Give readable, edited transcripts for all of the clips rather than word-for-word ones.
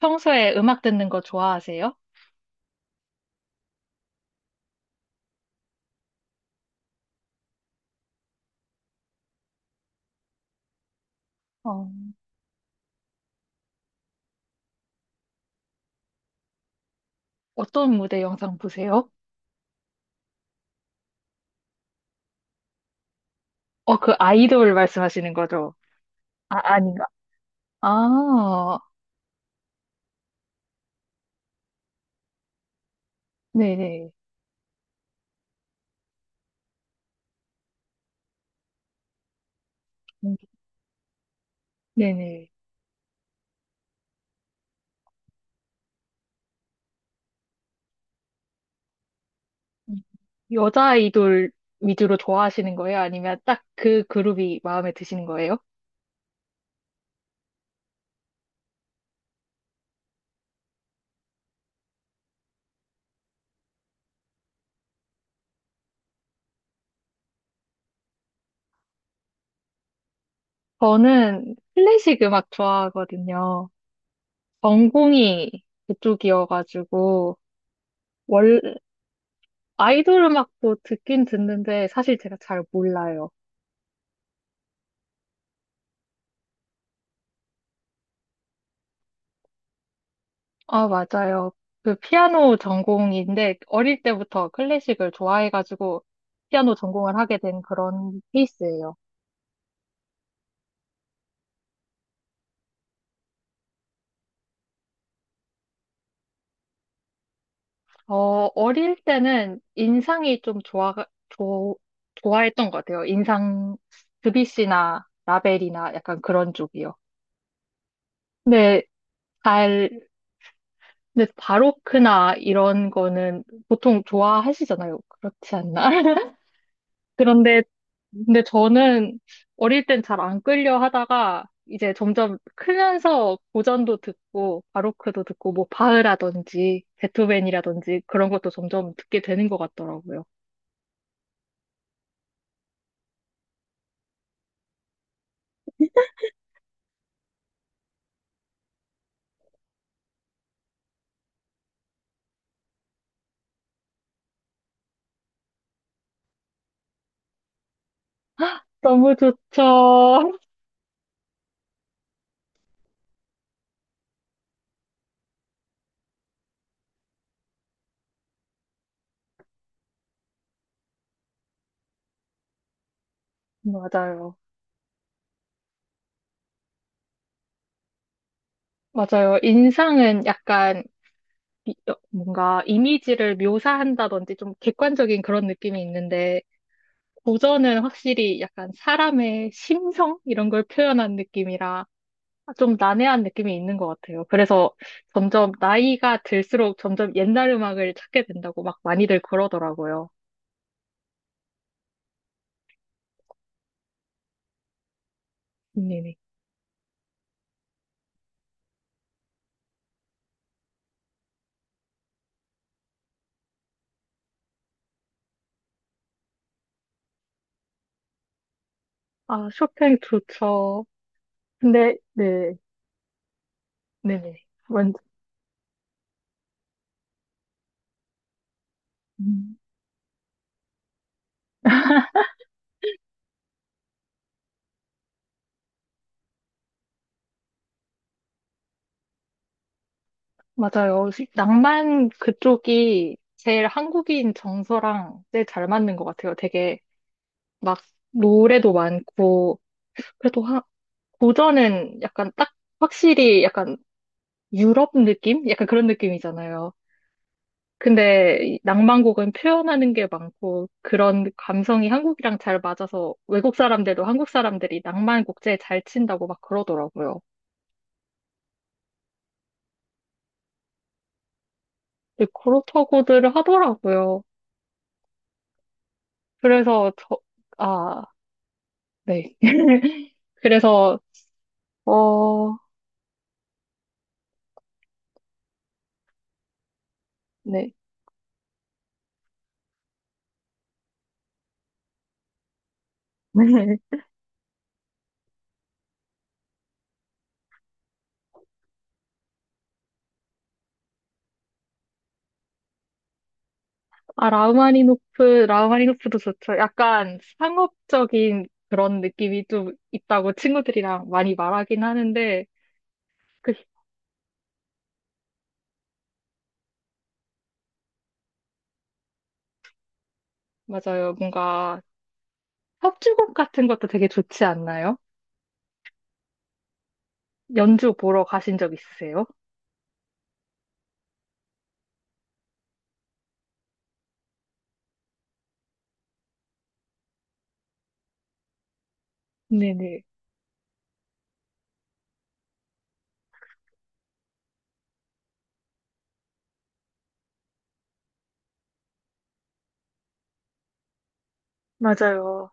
평소에 음악 듣는 거 좋아하세요? 어, 어떤 무대 영상 보세요? 어, 그 아이돌 말씀하시는 거죠? 아, 아닌가? 아, 네네. 음, 네네. 음, 여자 아이돌 위주로 좋아하시는 거예요? 아니면 딱 그 그룹이 마음에 드시는 거예요? 저는 클래식 음악 좋아하거든요. 전공이 그쪽이어가지고, 원 아이돌 음악도 듣긴 듣는데 사실 제가 잘 몰라요. 아, 맞아요. 그 피아노 전공인데 어릴 때부터 클래식을 좋아해가지고 피아노 전공을 하게 된 그런 케이스예요. 어, 어릴 때는 인상이 좀 좋 좋아했던 것 같아요. 인상, 드뷔시나 라벨이나 약간 그런 쪽이요. 근데 잘, 근데 바로크나 이런 거는 보통 좋아하시잖아요. 그렇지 않나? 그런데, 근데 저는 어릴 땐 잘 안 끌려 하다가 이제 점점 크면서 고전도 듣고 바로크도 듣고 뭐 바흐라든지 베토벤이라든지 그런 것도 점점 듣게 되는 것 같더라고요. 너무 좋죠. 맞아요. 맞아요. 인상은 약간 어, 뭔가 이미지를 묘사한다든지 좀 객관적인 그런 느낌이 있는데 고전은 확실히 약간 사람의 심성 이런 걸 표현한 느낌이라 좀 난해한 느낌이 있는 것 같아요. 그래서 점점 나이가 들수록 점점 옛날 음악을 찾게 된다고 막 많이들 그러더라고요. 네네. 아, 쇼팽 좋죠. 근데, 네, 네네. 완 음, 맞아요. 낭만 그쪽이 제일 한국인 정서랑 제일 잘 맞는 것 같아요. 되게 막 노래도 많고, 그래도 하, 고전은 약간 딱 확실히 약간 유럽 느낌? 약간 그런 느낌이잖아요. 근데 이 낭만곡은 표현하는 게 많고 그런 감성이 한국이랑 잘 맞아서 외국 사람들도 한국 사람들이 낭만 곡제에 잘 친다고 막 그러더라고요. 근데 그렇다고들 하더라고요. 그래서 저, 아, 네. 그래서, 어, 네. 아, 라흐마니노프, 라흐마니노프도 좋죠. 약간 상업적인 그런 느낌이 좀 있다고 친구들이랑 많이 말하긴 하는데, 그, 맞아요. 뭔가 협주곡 같은 것도 되게 좋지 않나요? 연주 보러 가신 적 있으세요? 네네. 맞아요.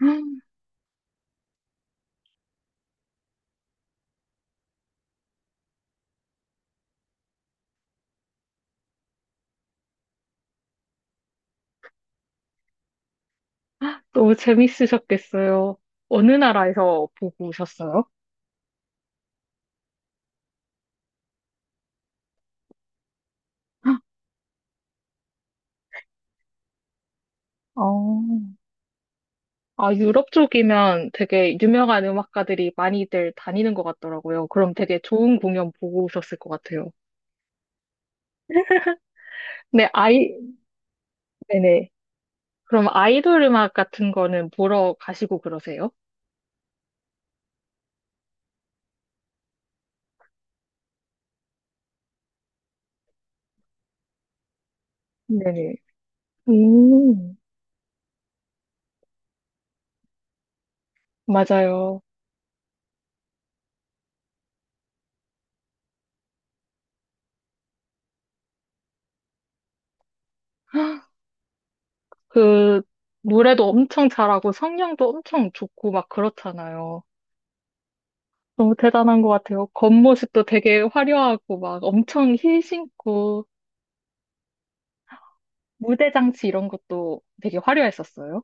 너무 재밌으셨겠어요. 어느 나라에서 보고 오셨어요? 어, 아, 유럽 쪽이면 되게 유명한 음악가들이 많이들 다니는 것 같더라고요. 그럼 되게 좋은 공연 보고 오셨을 것 같아요. 네, 아이, 네네. 그럼 아이돌 음악 같은 거는 보러 가시고 그러세요? 네네. 음, 맞아요. 그, 노래도 엄청 잘하고 성량도 엄청 좋고 막 그렇잖아요. 너무 대단한 것 같아요. 겉모습도 되게 화려하고 막 엄청 힐 신고 무대 장치 이런 것도 되게 화려했었어요.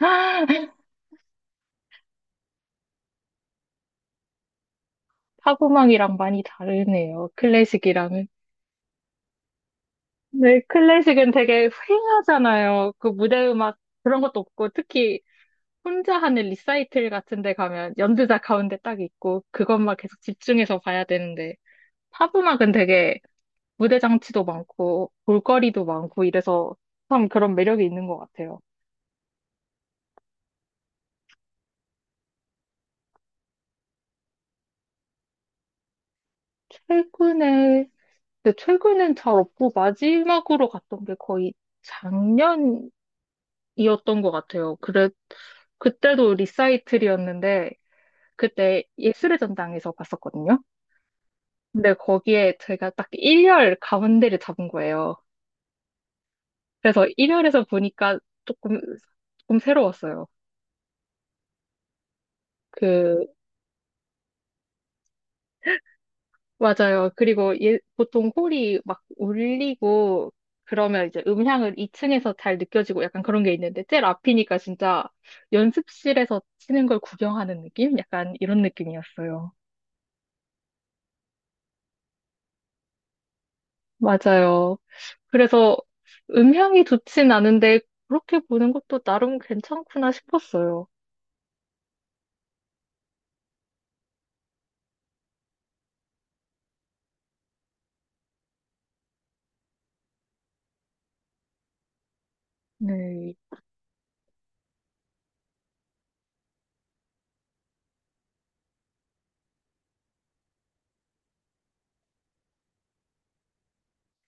타고망이랑 많이 다르네요. 클래식이랑은. 네, 클래식은 되게 휑하잖아요. 그 무대 음악 그런 것도 없고 특히 혼자 하는 리사이틀 같은 데 가면 연주자 가운데 딱 있고 그것만 계속 집중해서 봐야 되는데 팝 음악은 되게 무대 장치도 많고 볼거리도 많고 이래서 참 그런 매력이 있는 것 같아요. 최근에, 근데 최근엔 잘 없고 마지막으로 갔던 게 거의 작년이었던 것 같아요. 그래, 그때도 리사이틀이었는데 그때 예술의 전당에서 봤었거든요. 근데 거기에 제가 딱 1열 가운데를 잡은 거예요. 그래서 1열에서 보니까 조금, 조금 새로웠어요. 그 맞아요. 그리고 예, 보통 홀이 막 울리고 그러면 이제 음향을 2층에서 잘 느껴지고 약간 그런 게 있는데 제일 앞이니까 진짜 연습실에서 치는 걸 구경하는 느낌? 약간 이런 느낌이었어요. 맞아요. 그래서 음향이 좋진 않은데 그렇게 보는 것도 나름 괜찮구나 싶었어요. 네,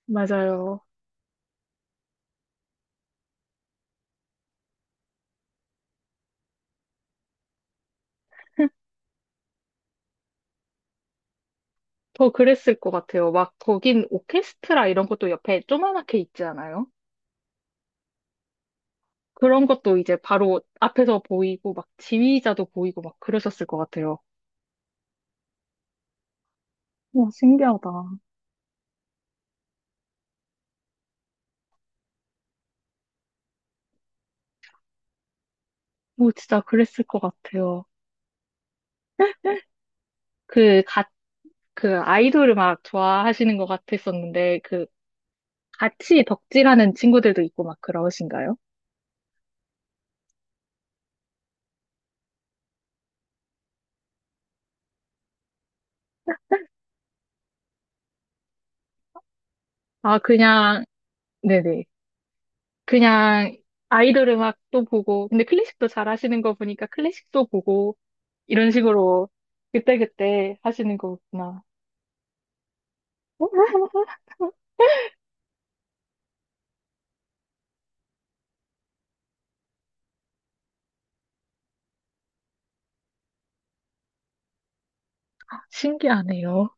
맞아요. 더 그랬을 것 같아요. 막 거긴 오케스트라 이런 것도 옆에 조그맣게 있지 않아요? 그런 것도 이제 바로 앞에서 보이고 막 지휘자도 보이고 막 그러셨을 것 같아요. 와, 신기하다. 오, 진짜 그랬을 것 같아요. 그, 가, 그 아이돌을 막 좋아하시는 것 같았었는데, 그, 같이 덕질하는 친구들도 있고 막 그러신가요? 아, 그냥, 네네. 그냥 아이돌 음악도 보고, 근데 클래식도 잘 하시는 거 보니까 클래식도 보고, 이런 식으로 그때그때 하시는 거구나. 어? 신기하네요.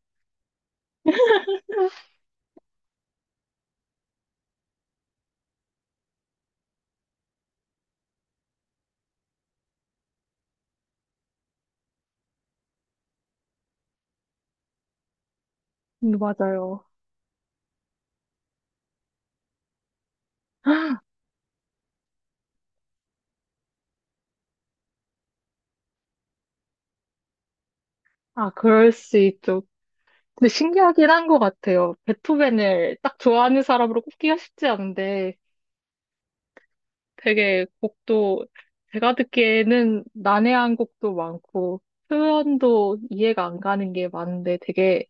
맞아요. 아, 그럴 수 있죠. 근데 신기하긴 한 것 같아요. 베토벤을 딱 좋아하는 사람으로 꼽기가 쉽지 않은데 되게 곡도 제가 듣기에는 난해한 곡도 많고 표현도 이해가 안 가는 게 많은데 되게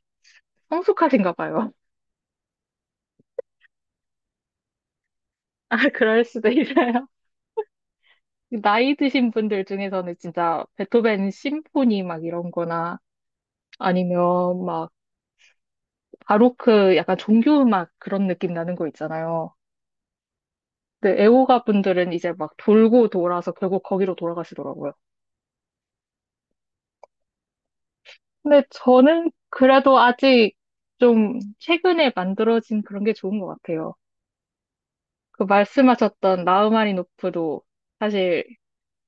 성숙하신가 봐요. 아, 그럴 수도 있어요. 나이 드신 분들 중에서는 진짜 베토벤 심포니 막 이런 거나 아니면 막 바로크 약간 종교음악 그런 느낌 나는 거 있잖아요. 네, 애호가 분들은 이제 막 돌고 돌아서 결국 거기로 돌아가시더라고요. 근데 저는 그래도 아직 좀 최근에 만들어진 그런 게 좋은 것 같아요. 그 말씀하셨던 라흐마니노프도 사실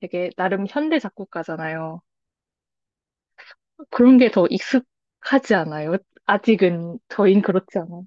되게 나름 현대 작곡가잖아요. 그런 게 더 익숙하지 않아요? 아직은 저희는 그렇지 않아요.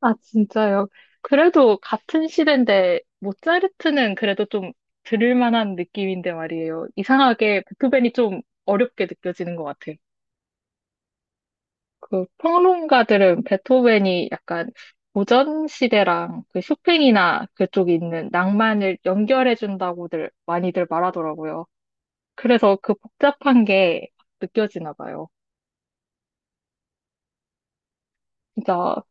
아, 진짜요? 그래도 같은 시대인데 모차르트는 그래도 좀 들을 만한 느낌인데 말이에요. 이상하게 베토벤이 좀 어렵게 느껴지는 것 같아요. 그 평론가들은 베토벤이 약간 고전 시대랑 그 쇼팽이나 그쪽에 있는 낭만을 연결해 준다고들 많이들 말하더라고요. 그래서 그 복잡한 게 느껴지나 봐요. 진짜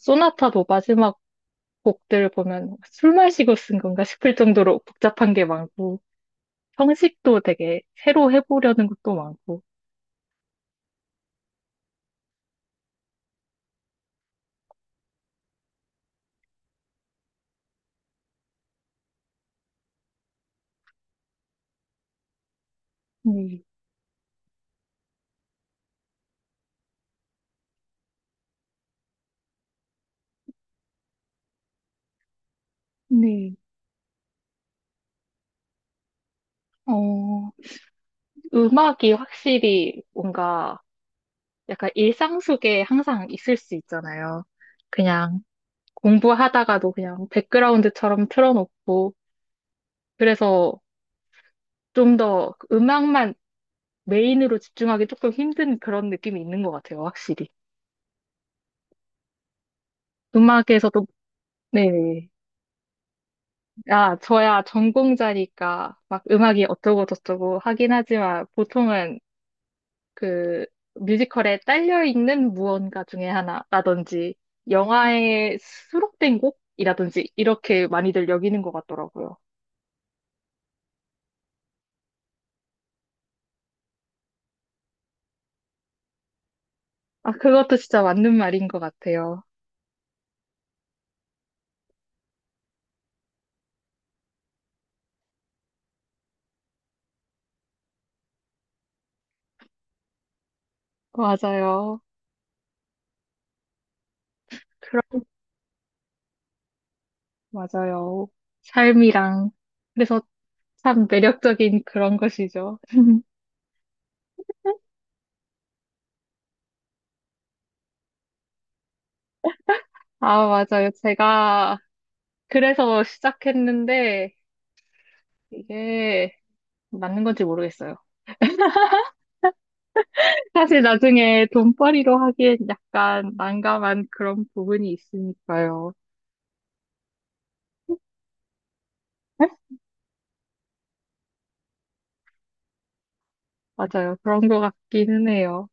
소나타도 마지막 곡들 보면 술 마시고 쓴 건가 싶을 정도로 복잡한 게 많고 형식도 되게 새로 해보려는 것도 많고. 네, 네. 어, 음악이 확실히 뭔가 약간 일상 속에 항상 있을 수 있잖아요. 그냥 공부하다가도 그냥 백그라운드처럼 틀어놓고, 그래서 좀 더 음악만 메인으로 집중하기 조금 힘든 그런 느낌이 있는 것 같아요, 확실히. 음악에서도, 네. 아, 저야 전공자니까 막 음악이 어쩌고 저쩌고 하긴 하지만 보통은 그 뮤지컬에 딸려 있는 무언가 중에 하나라든지 영화에 수록된 곡이라든지 이렇게 많이들 여기는 것 같더라고요. 아, 그것도 진짜 맞는 말인 것 같아요. 맞아요. 그 맞아요. 삶이랑. 그래서 참 매력적인 그런 것이죠. 아, 맞아요. 제가 그래서 시작했는데 이게 맞는 건지 모르겠어요. 사실 나중에 돈벌이로 하기엔 약간 난감한 그런 부분이 있으니까요. 맞아요. 그런 것 같기는 해요.